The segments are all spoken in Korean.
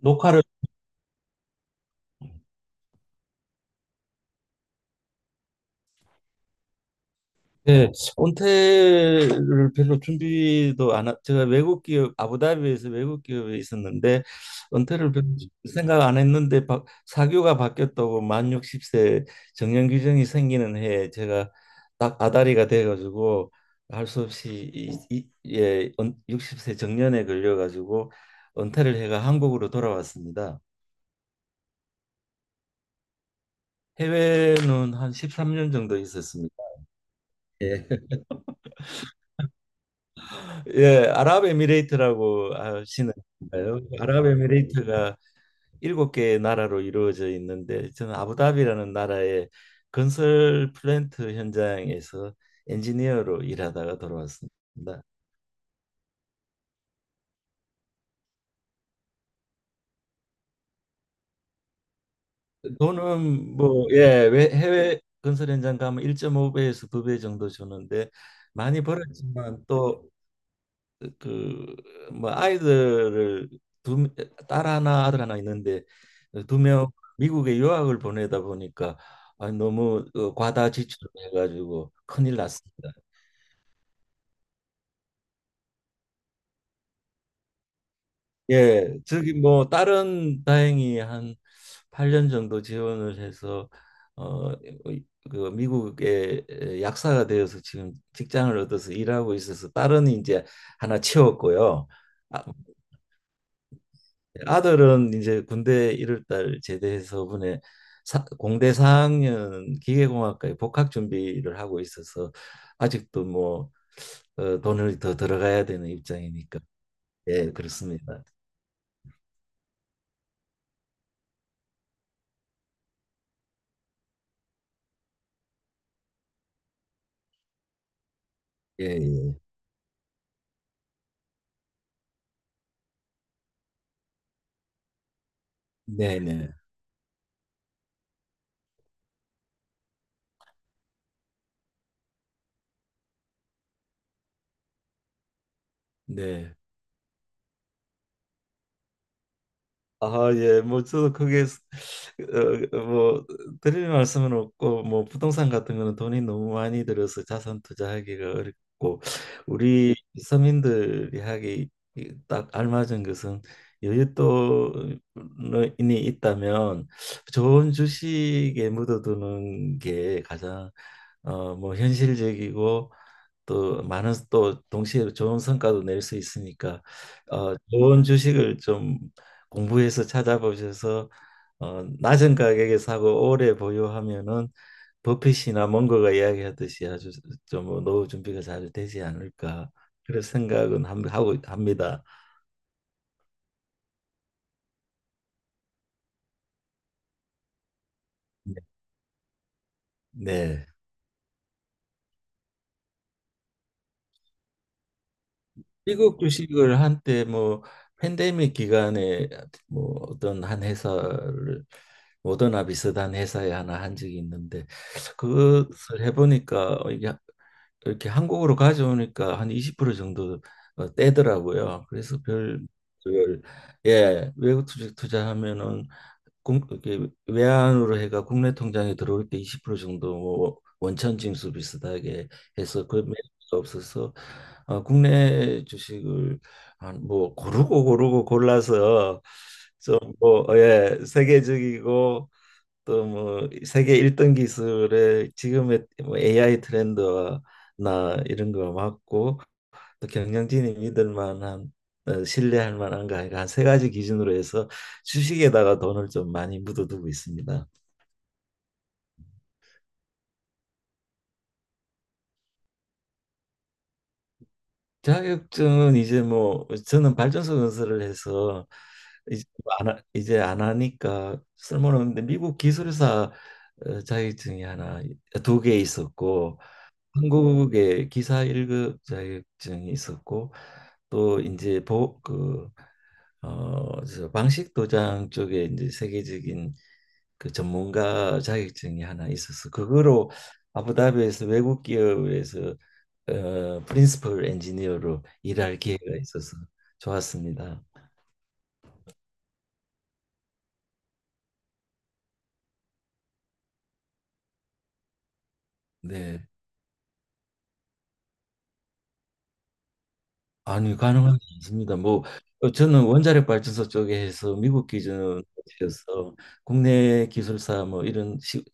녹화를 네, 온태를 별로 준비도 안 하, 제가 외국 기업 아부다비에서 외국 기업에 있었는데 은퇴를 별로 생각 안 했는데 사교가 바뀌었다고 만 60세 정년 규정이 생기는 해에 제가 딱 아다리가 돼가지고 할 수 없이 예, 60세 정년에 걸려가지고 은퇴를 해가 한국으로 돌아왔습니다. 해외는 한 13년 정도 있었습니다. 예. 예, 아랍에미레이트라고 아시는가요? 아랍에미레이트가 일곱 개의 나라로 이루어져 있는데 저는 아부다비라는 나라의 건설 플랜트 현장에서 엔지니어로 일하다가 돌아왔습니다. 돈은 뭐 예, 해외 건설 현장 가면 1.5배에서 2배 정도 주는데 많이 벌었지만 또 그 뭐 아이들을 두 딸 하나 아들 하나 있는데 두 명 미국에 유학을 보내다 보니까 아, 너무 과다 지출을 해가지고 큰일 났습니다. 예, 저기 뭐 딸은 다행히 한 8년 정도 지원을 해서 어, 그 미국의 약사가 되어서 지금 직장을 얻어서 일하고 있어서 딸은 이제 하나 채웠고요. 아, 아들은 이제 군대 1월달 제대해서 이번에 공대 4학년 기계공학과에 복학 준비를 하고 있어서 아직도 뭐 돈을 더 들어가야 되는 입장이니까 예 그렇습니다. 예, 예. 네, 네, 네. 아, 예, 뭐 저도 크게 뭐 드릴 말씀은 없고 뭐 부동산 같은 거는 돈이 너무 많이 들어서 자산 투자하기가 어렵고 우리 서민들이 하기 딱 알맞은 것은 여윳돈이 있다면 좋은 주식에 묻어두는 게 가장 뭐 현실적이고 또 많은 또 동시에 좋은 성과도 낼 수 있으니까 좋은 주식을 좀 공부해서 찾아보셔서 낮은 가격에 사고 오래 보유하면은 버핏이나 멍거가 이야기하듯이 아주 좀 노후 준비가 잘 되지 않을까 그런 생각은 하고 합니다. 네. 미국 주식을 한때 뭐 팬데믹 기간에 뭐 어떤 한 회사를 모더나 비슷한 회사에 하나 한 적이 있는데 그것을 해보니까 이게 이렇게 한국으로 가져오니까 한 20% 정도 떼더라고요. 그래서 별, 예, 외국 주식 투자하면은 이게 외환으로 해가 국내 통장에 들어올 때 20% 정도 뭐 원천 징수 비슷하게 해서 그 매력이 없어서 국내 주식을 한 뭐 고르고 골라서 좀뭐예 세계적이고 또 뭐 세계 1등 기술의 지금의 뭐 AI 트렌드나 이런 거 맞고 경영진이 믿을 만한 신뢰할 만한가 가 한세 가지 기준으로 해서 주식에다가 돈을 좀 많이 묻어두고 있습니다. 자격증은 이제 뭐 저는 발전소 건설을 해서 이제 뭐 안, 하- 이제 안 하니까 쓸모없는데 미국 기술사 자격증이 하나 두 개 있었고 한국의 기사 1급 자격증이 있었고 또 이제 어, 저 방식 도장 쪽에 이제 세계적인 그 전문가 자격증이 하나 있어서 그거로 아부다비에서 외국 기업에서 프린시플 엔지니어로 일할 기회가 있어서 좋았습니다. 네. 아니 가능하지 않습니다. 뭐 저는 원자력 발전소 쪽에 해서 미국 기준이어서 국내 기술사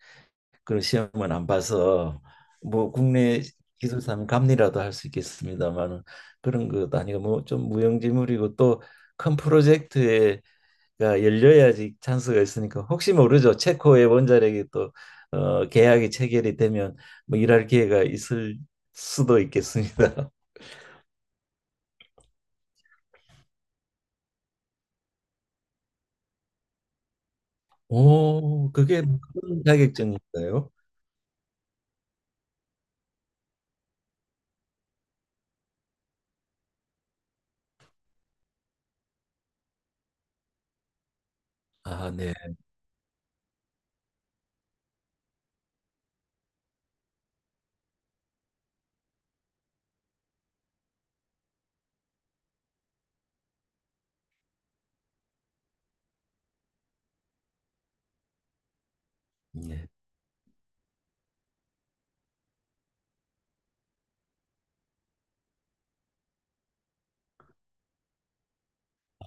그런 시험은 안 봐서 뭐 국내 기술사면 감리라도 할 수 있겠습니다만은 그런 것 아니고 뭐 좀 무용지물이고 또 큰 프로젝트에 가 열려야지 찬스가 있으니까 혹시 모르죠. 체코의 원자력이 또 계약이 체결이 되면 뭐 일할 기회가 있을 수도 있겠습니다. 오, 그게 무슨 자격증인가요? 아, 네. 네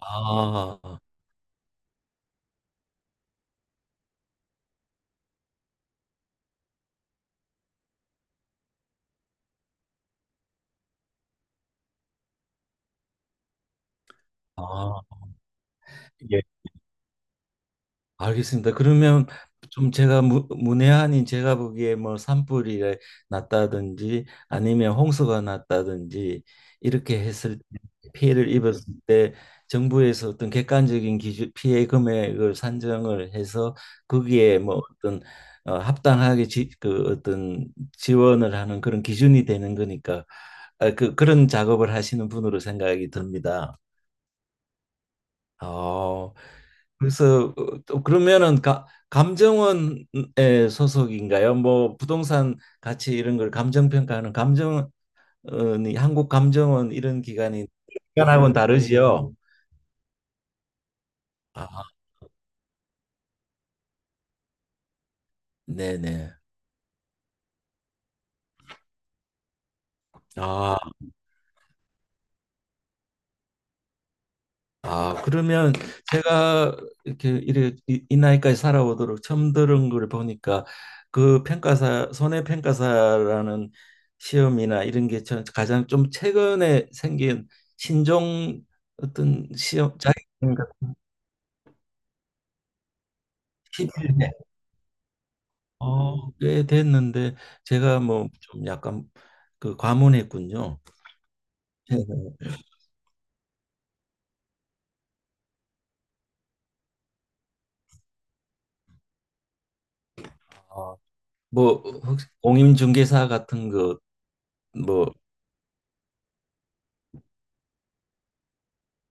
아, 아, 예. 알겠습니다. 그러면 좀 제가 문외한인 제가 보기에 뭐 산불이 났다든지 아니면 홍수가 났다든지 이렇게 했을 때 피해를 입었을 때 정부에서 어떤 객관적인 기준 피해 금액을 산정을 해서 거기에 뭐 어떤 합당하게 그 어떤 지원을 하는 그런 기준이 되는 거니까 아, 그 그런 작업을 하시는 분으로 생각이 듭니다. 어, 그래서 또 그러면은 감정원에 소속인가요? 뭐 부동산 가치 이런 걸 감정 평가하는 감정원이 한국 감정원 이런 기관이 기관하고는 다르지요? 아, 네네. 아, 아, 그러면 제가 이 나이까지 살아오도록 처음 들은 걸 보니까 그 평가사 손해평가사라는 시험이나 이런 게 가장 좀 최근에 생긴 신종 어떤 시험 자격증 같은 11회 꽤 됐는데 제가 뭐 좀 약간 그 과문했군요. 그래서 어, 뭐 혹시 공인중개사 같은 거 뭐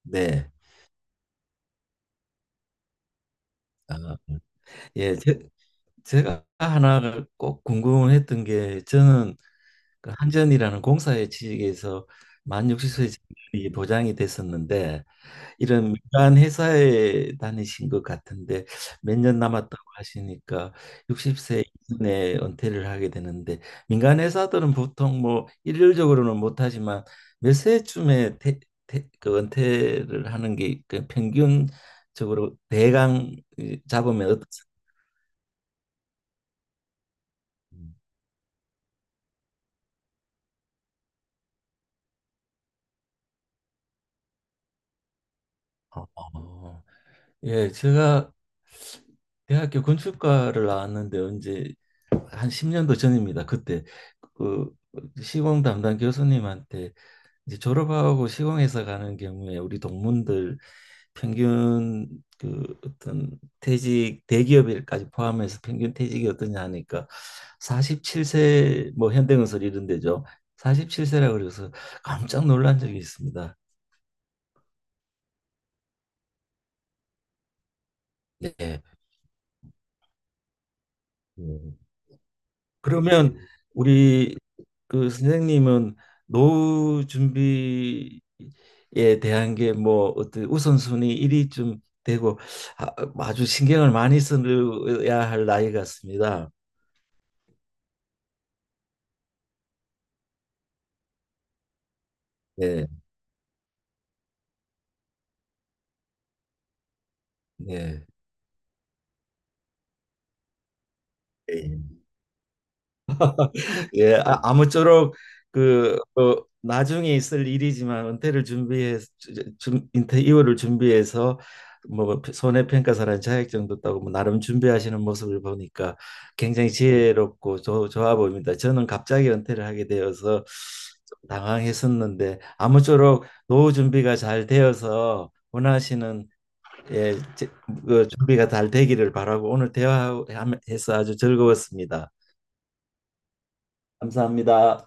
네. 아, 예, 제가 하나를 꼭 궁금했던 게 저는 그 한전이라는 공사의 취직에서 만 60세 정년이 보장이 됐었는데 이런 민간 회사에 다니신 것 같은데 몇 년 남았다고 하시니까 60세 이전에 은퇴를 하게 되는데 민간 회사들은 보통 뭐 일률적으로는 못하지만 몇 세쯤에 그 은퇴를 하는 게그 평균적으로 대강 잡으면 어떻습니까? 어. 예, 제가 대학교 건축과를 나왔는데 언제 한 10년도 전입니다. 그때 그 시공 담당 교수님한테 이제 졸업하고 시공해서 가는 경우에 우리 동문들 평균 그 어떤 퇴직 대기업일까지 포함해서 평균 퇴직이 어떠냐 하니까 47세 뭐 현대건설 이런 데죠. 47세라 그래서 깜짝 놀란 적이 있습니다. 네. 그러면 우리 그 선생님은 노후 준비에 대한 게 뭐 어떤 우선순위 1위쯤 되고 아, 아주 신경을 많이 써야 할 나이 같습니다. 네, 네, 네. 예, 아, 아무쪼록 그 나중에 있을 일이지만 은퇴 이후를 준비해서 뭐 손해평가사라는 자격증도 따고 뭐 나름 준비하시는 모습을 보니까 굉장히 지혜롭고 좋 좋아 보입니다. 저는 갑자기 은퇴를 하게 되어서 좀 당황했었는데 아무쪼록 노후 준비가 잘 되어서 원하시는 예, 그 준비가 잘 되기를 바라고 오늘 대화해서 아주 즐거웠습니다. 감사합니다.